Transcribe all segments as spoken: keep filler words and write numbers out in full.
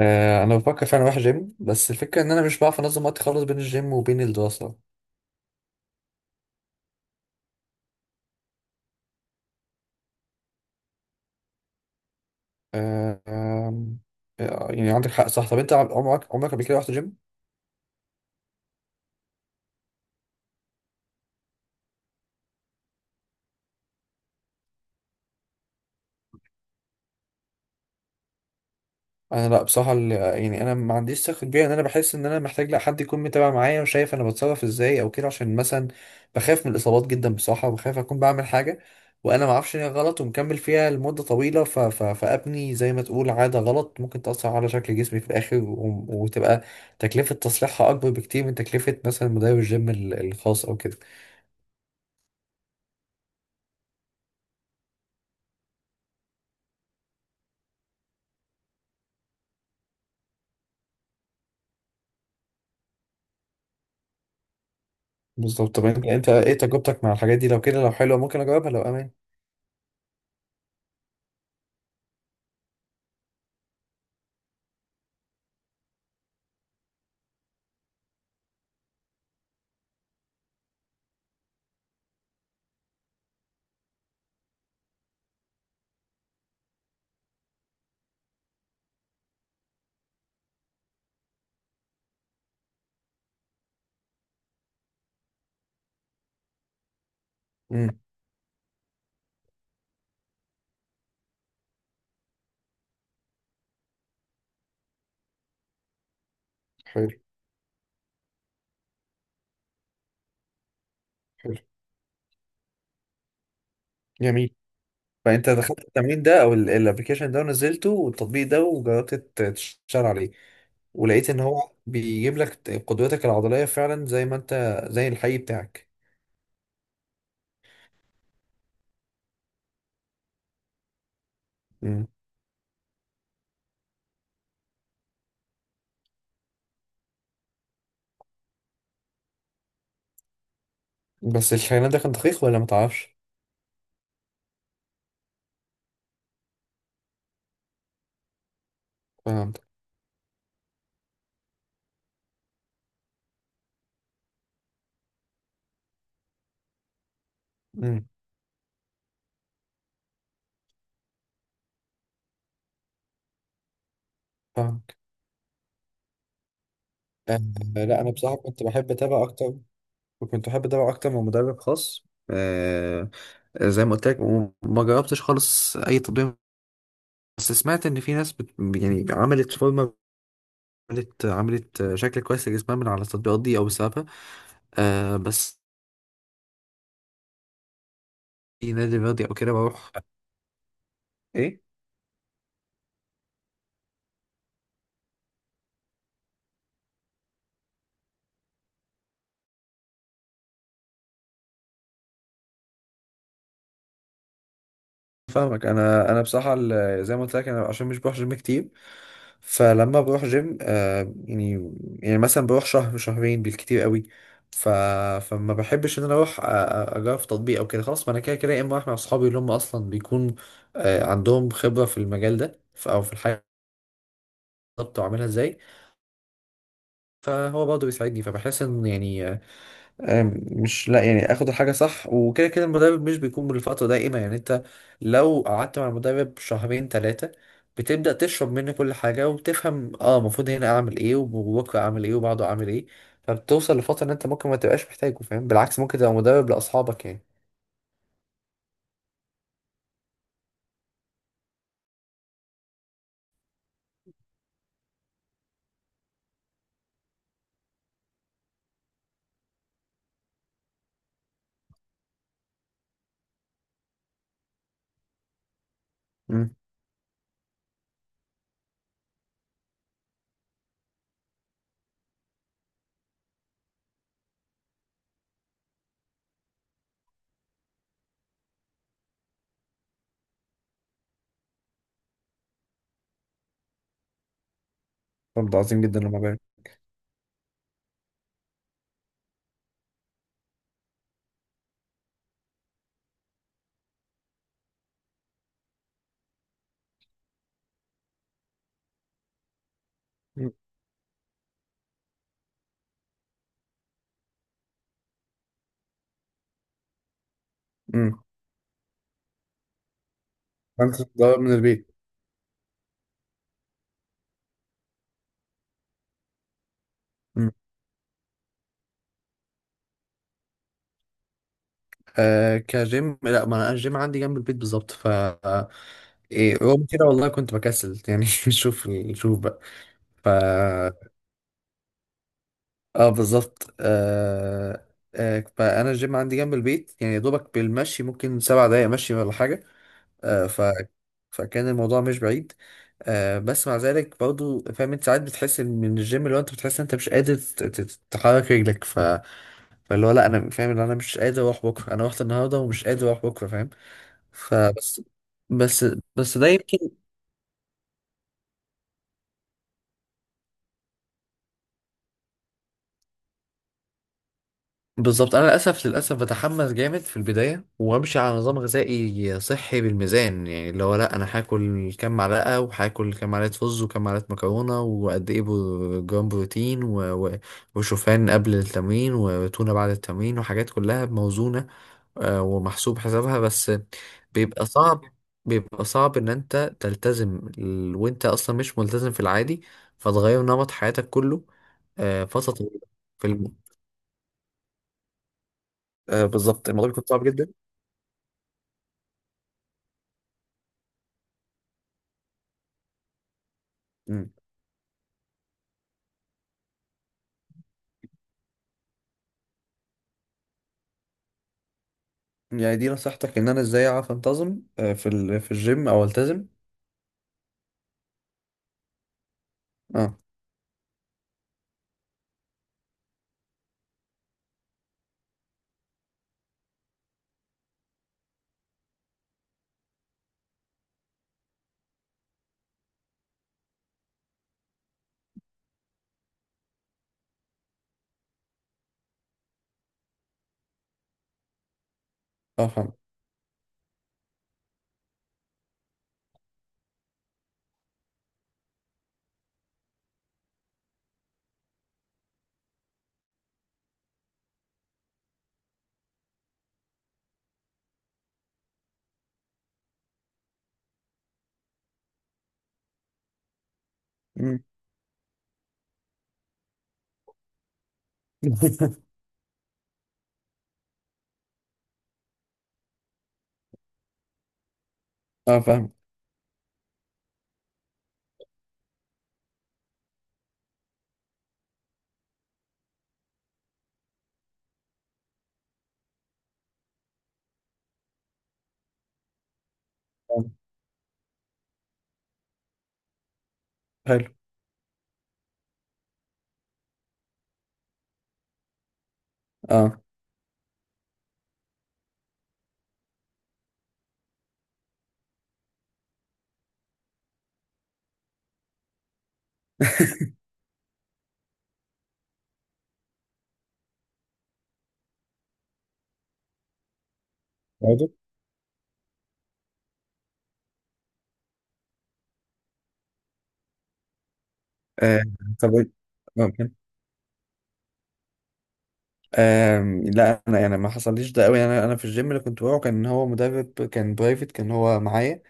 آه، انا بفكر فعلا اروح جيم، بس الفكره ان انا مش بعرف انظم وقتي خالص بين الجيم وبين الدراسه. آه، آم، آه، يعني عندك حق، صح. طب انت عمرك عمرك قبل كده رحت جيم؟ انا لا، بصراحه ال- يعني انا ما عنديش ثقه كبيره، ان انا بحس ان انا محتاج لا حد يكون متابع معايا وشايف انا بتصرف ازاي او كده، عشان مثلا بخاف من الاصابات جدا بصراحه، وبخاف اكون بعمل حاجه وانا ما اعرفش ان هي غلط، ومكمل فيها لمده طويله، ف... ف... فابني زي ما تقول عاده غلط ممكن تاثر على شكل جسمي في الاخر، و... وتبقى تكلفه تصليحها اكبر بكتير من تكلفه مثلا مدرب الجيم ال- الخاص او كده. بالظبط، طب انت انت ايه تجربتك مع الحاجات دي؟ لو كده، لو حلوه ممكن اجربها لو امان. امم. حلو. حلو. جميل. فانت دخلت التمرين ده او الابلكيشن ده، ونزلته والتطبيق ده، وجربت ت- تشتغل عليه، ولقيت ان هو بيجيب لك ت- قدرتك العضليه فعلا زي ما انت، زي الحقيقي بتاعك؟ مم. بس الكلام ده كان دقيق ولا ما تعرفش؟ فهمت. امم. فهمت. آه، لا انا بصراحه كنت بحب اتابع اكتر، وكنت بحب اتابع اكتر من مدرب خاص، آه، زي ما قلت لك، وما جربتش خالص اي تطبيق. بس سمعت ان في ناس بت... يعني عملت فورمه، عملت عملت شكل كويس لجسمها من على التطبيقات دي او بسببها. آه، بس في نادي رياضي او كده بروح. ايه؟ فاهمك. انا انا بصراحه ال- زي ما قلت لك، انا عشان مش بروح جيم كتير، فلما بروح جيم آه يعني، يعني مثلا بروح شهر شهرين بالكتير قوي، ف... فما بحبش ان انا اروح، أ- أ- اجرب في تطبيق او كده. خلاص، ما انا كده كده يا اما اروح مع اصحابي، اللي هم اصلا بيكون آه عندهم خبره في المجال ده، ف... او في الحاجه بالظبط واعملها ازاي، فهو برضه بيساعدني، فبحس ان يعني آه، آم، مش، لا يعني اخد الحاجه صح. وكده كده المدرب مش بيكون بالفتره دائمه، يعني انت لو قعدت مع المدرب شهرين ثلاثه، بتبدا تشرب منه كل حاجه، وبتفهم اه المفروض هنا اعمل ايه وبكره اعمل ايه وبعده اعمل ايه. فبتوصل لفتره ان انت ممكن ما تبقاش محتاجه، فاهم؟ بالعكس، ممكن تبقى مدرب لاصحابك يعني. امم. طب ده عظيم جدا لما بقى. امم. انت مدرب من البيت. امم. آه، كجيم لا، ما انا الجيم عندي جنب البيت بالظبط، ف آه، إيه رغم كده والله كنت بكسل يعني شوف. شوف بقى. ف اه بالظبط. آه... آه... فانا الجيم عندي جنب البيت، يعني يا دوبك بالمشي ممكن سبع دقايق مشي ولا حاجه. آه... ف... فكان الموضوع مش بعيد. آه، بس مع ذلك برضو، فاهم انت، ساعات بتحس إن من الجيم اللي هو انت بتحس إن انت مش قادر ت- ت- تحرك رجلك، ف... فاللي هو لا، انا فاهم ان انا مش قادر اروح بكره، انا رحت النهارده ومش قادر اروح بكره، فاهم؟ فبس. بس. بس ده يمكن. بالظبط، انا للاسف، للاسف بتحمس جامد في البدايه وامشي على نظام غذائي صحي بالميزان، يعني اللي هو لا انا هاكل كام معلقه، وهاكل كام معلقه رز وكام معلقه مكرونه، وقد ايه بر- جرام بروتين، و... و... وشوفان قبل التمرين وتونه بعد التمرين، وحاجات كلها موزونه، آه، ومحسوب حسابها. بس بيبقى صعب، بيبقى صعب ان انت تلتزم ال- وانت اصلا مش ملتزم في العادي، فتغير نمط حياتك كله، آه، فتره طويله في الم... آه، بالظبط الموضوع بيكون صعب جدا. مم. يعني دي نصيحتك ان انا ازاي اعرف انتظم آه، في ال... في الجيم، او التزم؟ اه. اه فاهم. مم. اه فاهم. فاهم. حلو. اه. برضه. آه، طب إيه؟ ممكن. آم، لا انا يعني ما حصليش ده قوي. انا انا في الجيم اللي كنت بروحه كان هو مدرب، كان برايفت، كان هو معايا،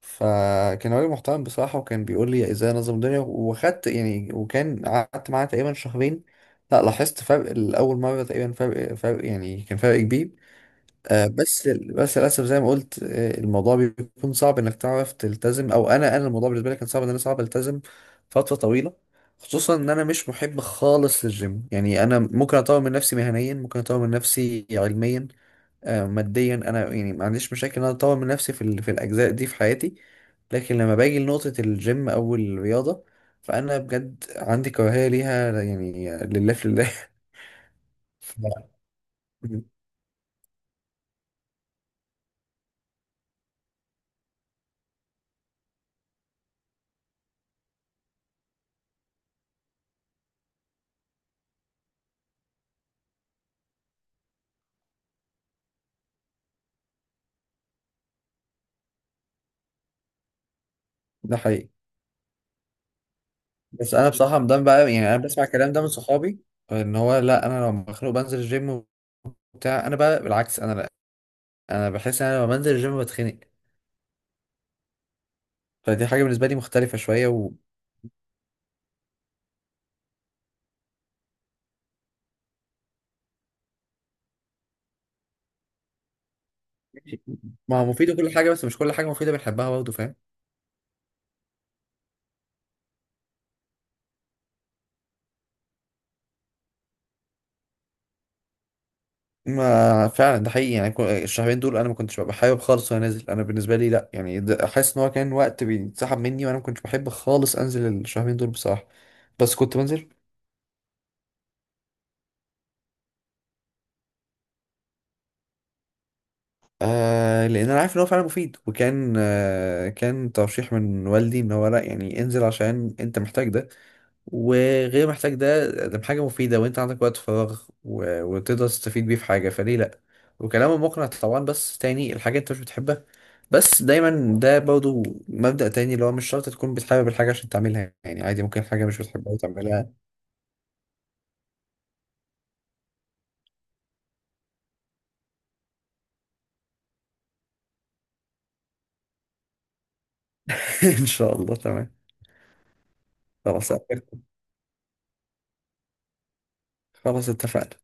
فكان راجل محترم بصراحه، وكان بيقول لي ازاي انظم الدنيا، وخدت يعني، وكان قعدت معاه تقريبا شهرين، لا لاحظت فرق، الاول مره تقريبا فرق فرق يعني، كان فرق كبير. آه، بس بس للاسف زي ما قلت، آه، الموضوع بيكون صعب انك تعرف تلتزم، او انا انا الموضوع بالنسبه لي كان صعب، ان انا صعب التزم فتره طويله، خصوصا ان انا مش محب خالص للجيم. يعني انا ممكن اطور من نفسي مهنيا، ممكن اطور من نفسي علميا، آه، ماديا، انا يعني ما عنديش مشاكل ان انا اطور من نفسي في ال- في الاجزاء دي في حياتي، لكن لما باجي لنقطه الجيم او الرياضه، فانا بجد عندي كراهيه ليها يعني، لله في الله. ف- ده حقيقي. بس انا بصراحه ده بقى، يعني انا بسمع الكلام ده من صحابي، ان هو لا انا لو مخنوق بنزل الجيم وبتاع. انا بقى بالعكس، انا لا، انا بحس ان انا لما بنزل الجيم بتخنق. فدي حاجه بالنسبه لي مختلفه شويه. و ما هو مفيده كل حاجه، بس مش كل حاجه مفيده بنحبها، برضه فاهم. ما فعلا ده حقيقي، يعني كو- الشهرين دول انا ما كنتش ببقى حابب خالص وانا نازل. انا بالنسبه لي لا يعني ده- احس ان هو كان وقت بيتسحب مني، وانا ما كنتش بحب خالص انزل الشهرين دول بصراحه، بس كنت بنزل. آه، لان انا عارف ان هو فعلا مفيد، وكان آه كان ترشيح من والدي، ان هو لا يعني انزل عشان انت محتاج ده، وغير محتاج ده، ده حاجه مفيده، وانت عندك وقت فراغ، و- وتقدر تستفيد بيه في حاجه، فليه لا؟ وكلامه مقنع طبعا، بس تاني الحاجه انت مش بتحبها، بس دايما ده برضو مبدأ تاني، اللي هو مش شرط تكون بتحب الحاجه عشان تعملها، يعني عادي ممكن حاجه مش بتحبها وتعملها. ان شاء الله، تمام. خلاص. خلاص اتفقنا.